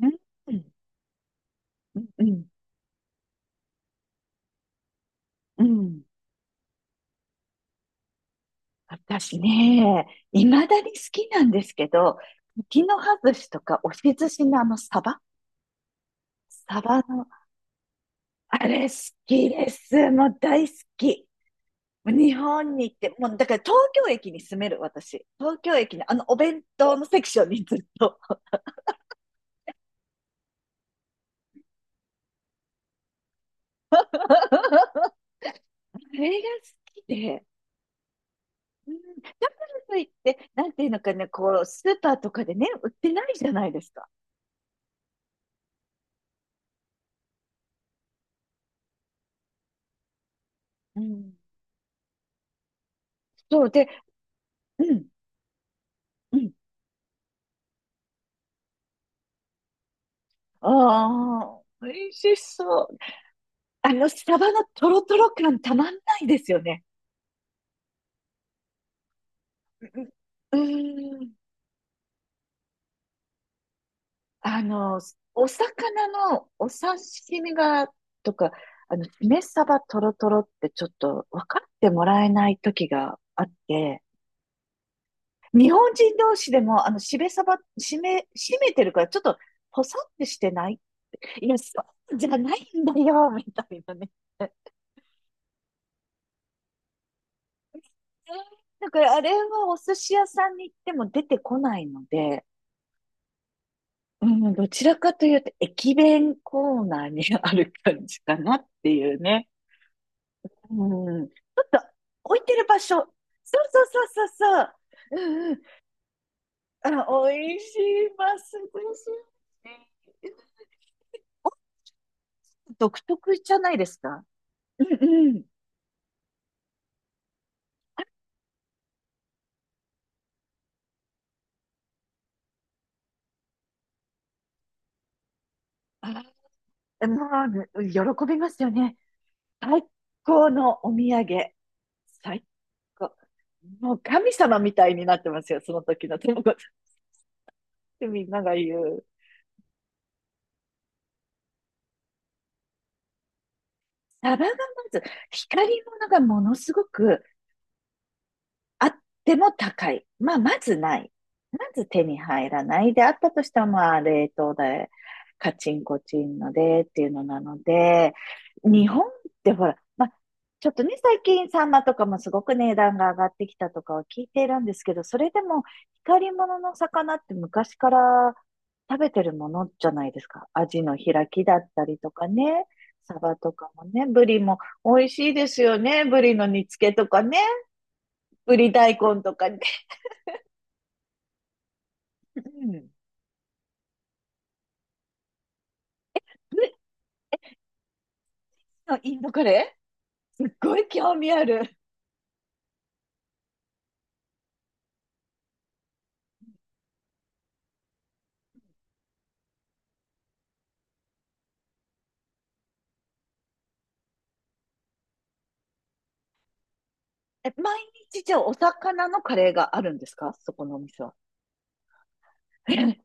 うん、うん、うん、うん。私ね、いまだに好きなんですけど、茎の葉寿司とか押し寿司のあのサバの、あれ好きです。もう大好き。日本に行って、もうだから東京駅に住める私。東京駅のあのお弁当のセクションにずっと。それが好きで。うん、だからといって、なんていうのかね、こう、スーパーとかでね、売ってないじゃないですか。うん。そうで、うん、うん。ああ、美味しそう。サバのトロトロ感たまんないですよね。うん、うん。あの、お魚のお刺身が、とか、しめバトロトロってちょっと分かってもらえない時があって、日本人同士でも、しめサバしめてるからちょっと、ポサってしてない、いや、そうじゃないんだよ、みたいなね。だからあれはお寿司屋さんに行っても出てこないので、うん、どちらかというと駅弁コーナーにある感じかなっていうね。うん、置いてる場所。そうそうそうそうそう。うんうん。あ、美味しい、ます美味しい。独特じゃないですか。うんうん。あ、もう、喜びますよね。最高のお土産。最高。もう神様みたいになってますよ、その時の友達ってみんなが言う。サバがまず、光り物がものすごくあっても高い。まあ、まずない。まず手に入らない。で、あったとしても、まあ、冷凍で、カチンコチンのでっていうのなので、日本ってほら、まあ、ちょっとね、最近サンマとかもすごく値段が上がってきたとかは聞いているんですけど、それでも光り物の魚って昔から食べてるものじゃないですか。アジの開きだったりとかね、サバとかもね、ブリも美味しいですよね。ブリの煮付けとかね。ぶり大根とかね。うん、のインドカレーすっごい興味ある。え、毎日じゃあお魚のカレーがあるんですか、そこのお店は？え、すっ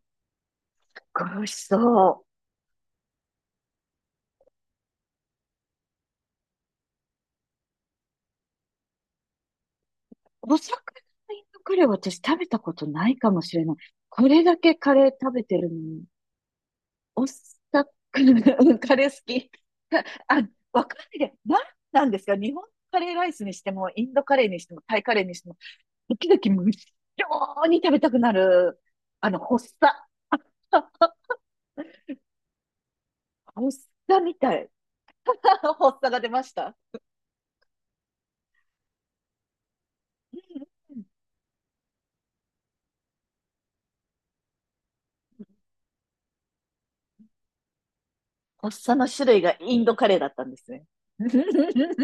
ごい美味しそう。お魚のインドカレーは私食べたことないかもしれない。これだけカレー食べてるのに、お魚、カレー好き。あ、わかんないで。なんなんですか、日本カレーライスにしても、インドカレーにしても、タイカレーにしても、時々無性に食べたくなる、発作。あ、発作みたい。発作が出ました。発作の種類がインドカレーだったんですね。で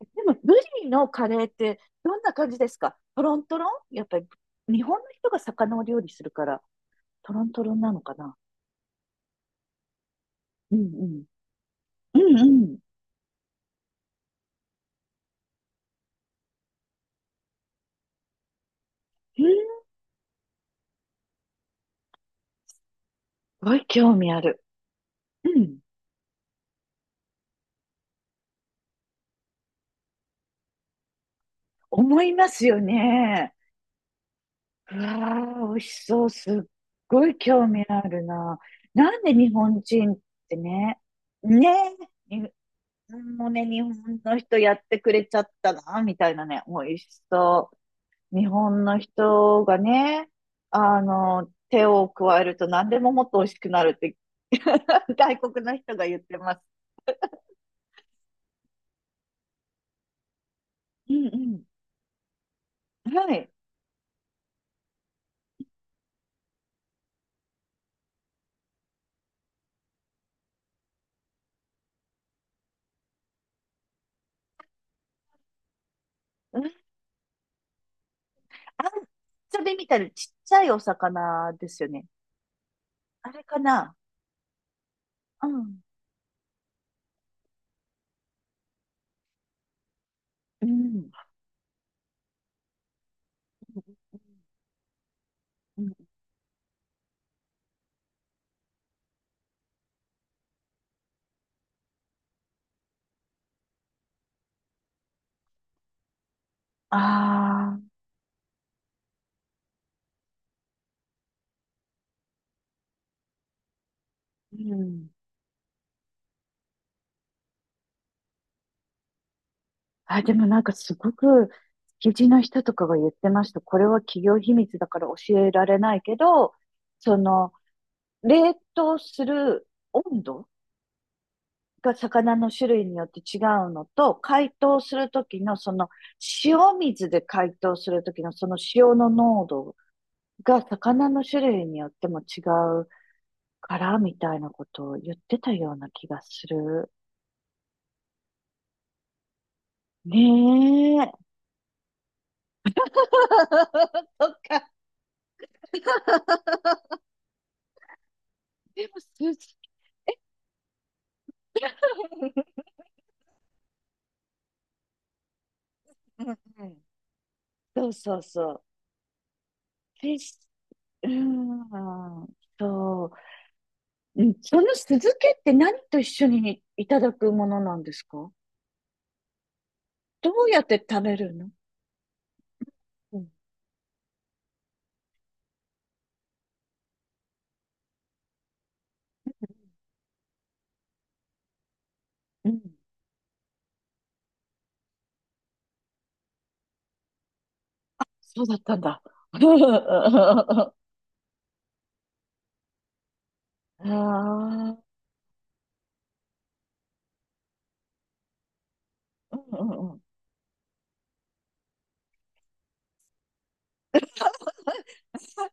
も、ブリのカレーってどんな感じですか、トロントロンやっぱり、日本の人が魚を料理するから、トロントロンなのかな。うんうん。うんうん。うん、すごい興味ある。うん。思いますよね。うわー、美味しそう。すっごい興味あるな。なんで日本人ってね、ねえ、に、もうね、日本の人やってくれちゃったな、みたいなね、美味しそう。日本の人がね、手を加えると何でももっと美味しくなるって、外国の人が言ってます。うんうん。はい。うん、あんちゃびみたいなちっちゃいお魚ですよね。あれかな。うん。うん。うん、ああ、うん。あ、でもなんかすごく、築地の人とかが言ってました。これは企業秘密だから教えられないけど、その、冷凍する温度が魚の種類によって違うのと、解凍するときのその、塩水で解凍するときのその塩の濃度が魚の種類によっても違うから、みたいなことを言ってたような気がする。ねえ。とか、でも、す、うんうん、そうそうそう。フィッシュ、うーん、そう。うん、その酢漬けって何と一緒にいただくものなんですか、どうやって食べるの？うん、うん、そうだったんだ。ああ、うんうんうん。好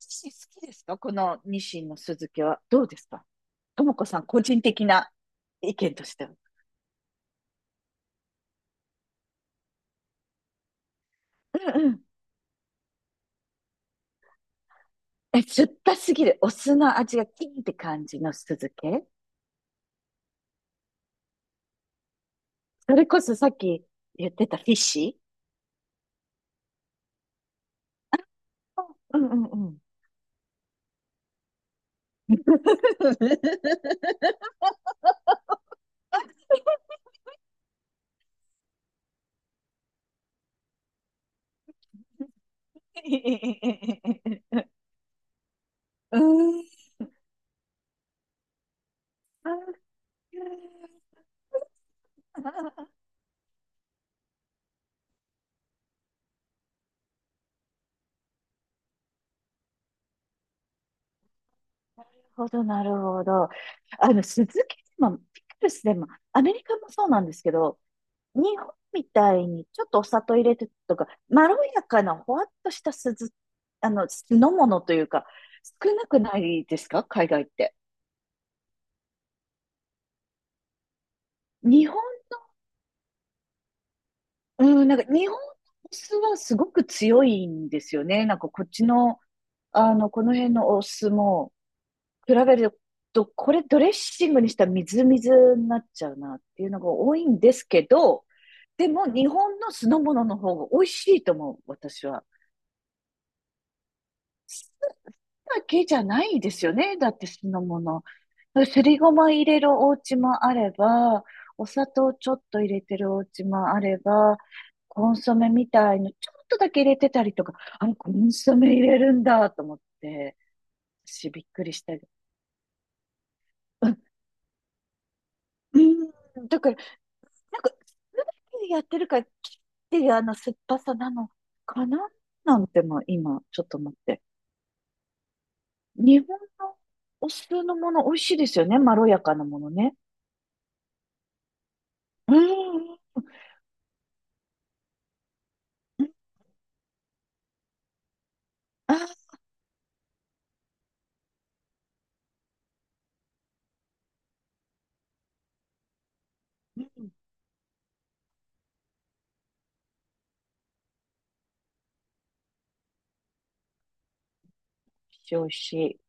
きですかこのニシンの酢漬けは？どうですかともこさん、個人的な意見としては。うん、え、酸っぱすぎる？お酢の味がキンって感じの酢漬け、それこそさっき言ってたフィッシー、うんうんうんうん。うーん。なるほど、なるほど。酢漬けでも、ピクルスでも、アメリカもそうなんですけど、日本みたいにちょっとお砂糖入れてとか、まろやかなほわっとした酢漬、酢の物というか、少なくないですか海外って？日本、うん、なんか日本のお酢はすごく強いんですよね。なんかこっちの、この辺のお酢も比べると、これドレッシングにしたらみずみずになっちゃうなっていうのが多いんですけど、でも日本の酢の物の方が美味しいと思う、私は。だけじゃないですよね。だって酢の物。すりごま入れるお家もあれば、お砂糖ちょっと入れてるお家もあれば、コンソメみたいのちょっとだけ入れてたりとか、あのコンソメ入れるんだと思って、私びっくりしたり。うん、うんだから、なんか、酢だけでやってるから、切っていうあの酸っぱさなのかな、なんても今、ちょっと思って。日本のお酢のもの美味しいですよね。まろやかなものね。うん。うあ、うん。美味しい、美味しい。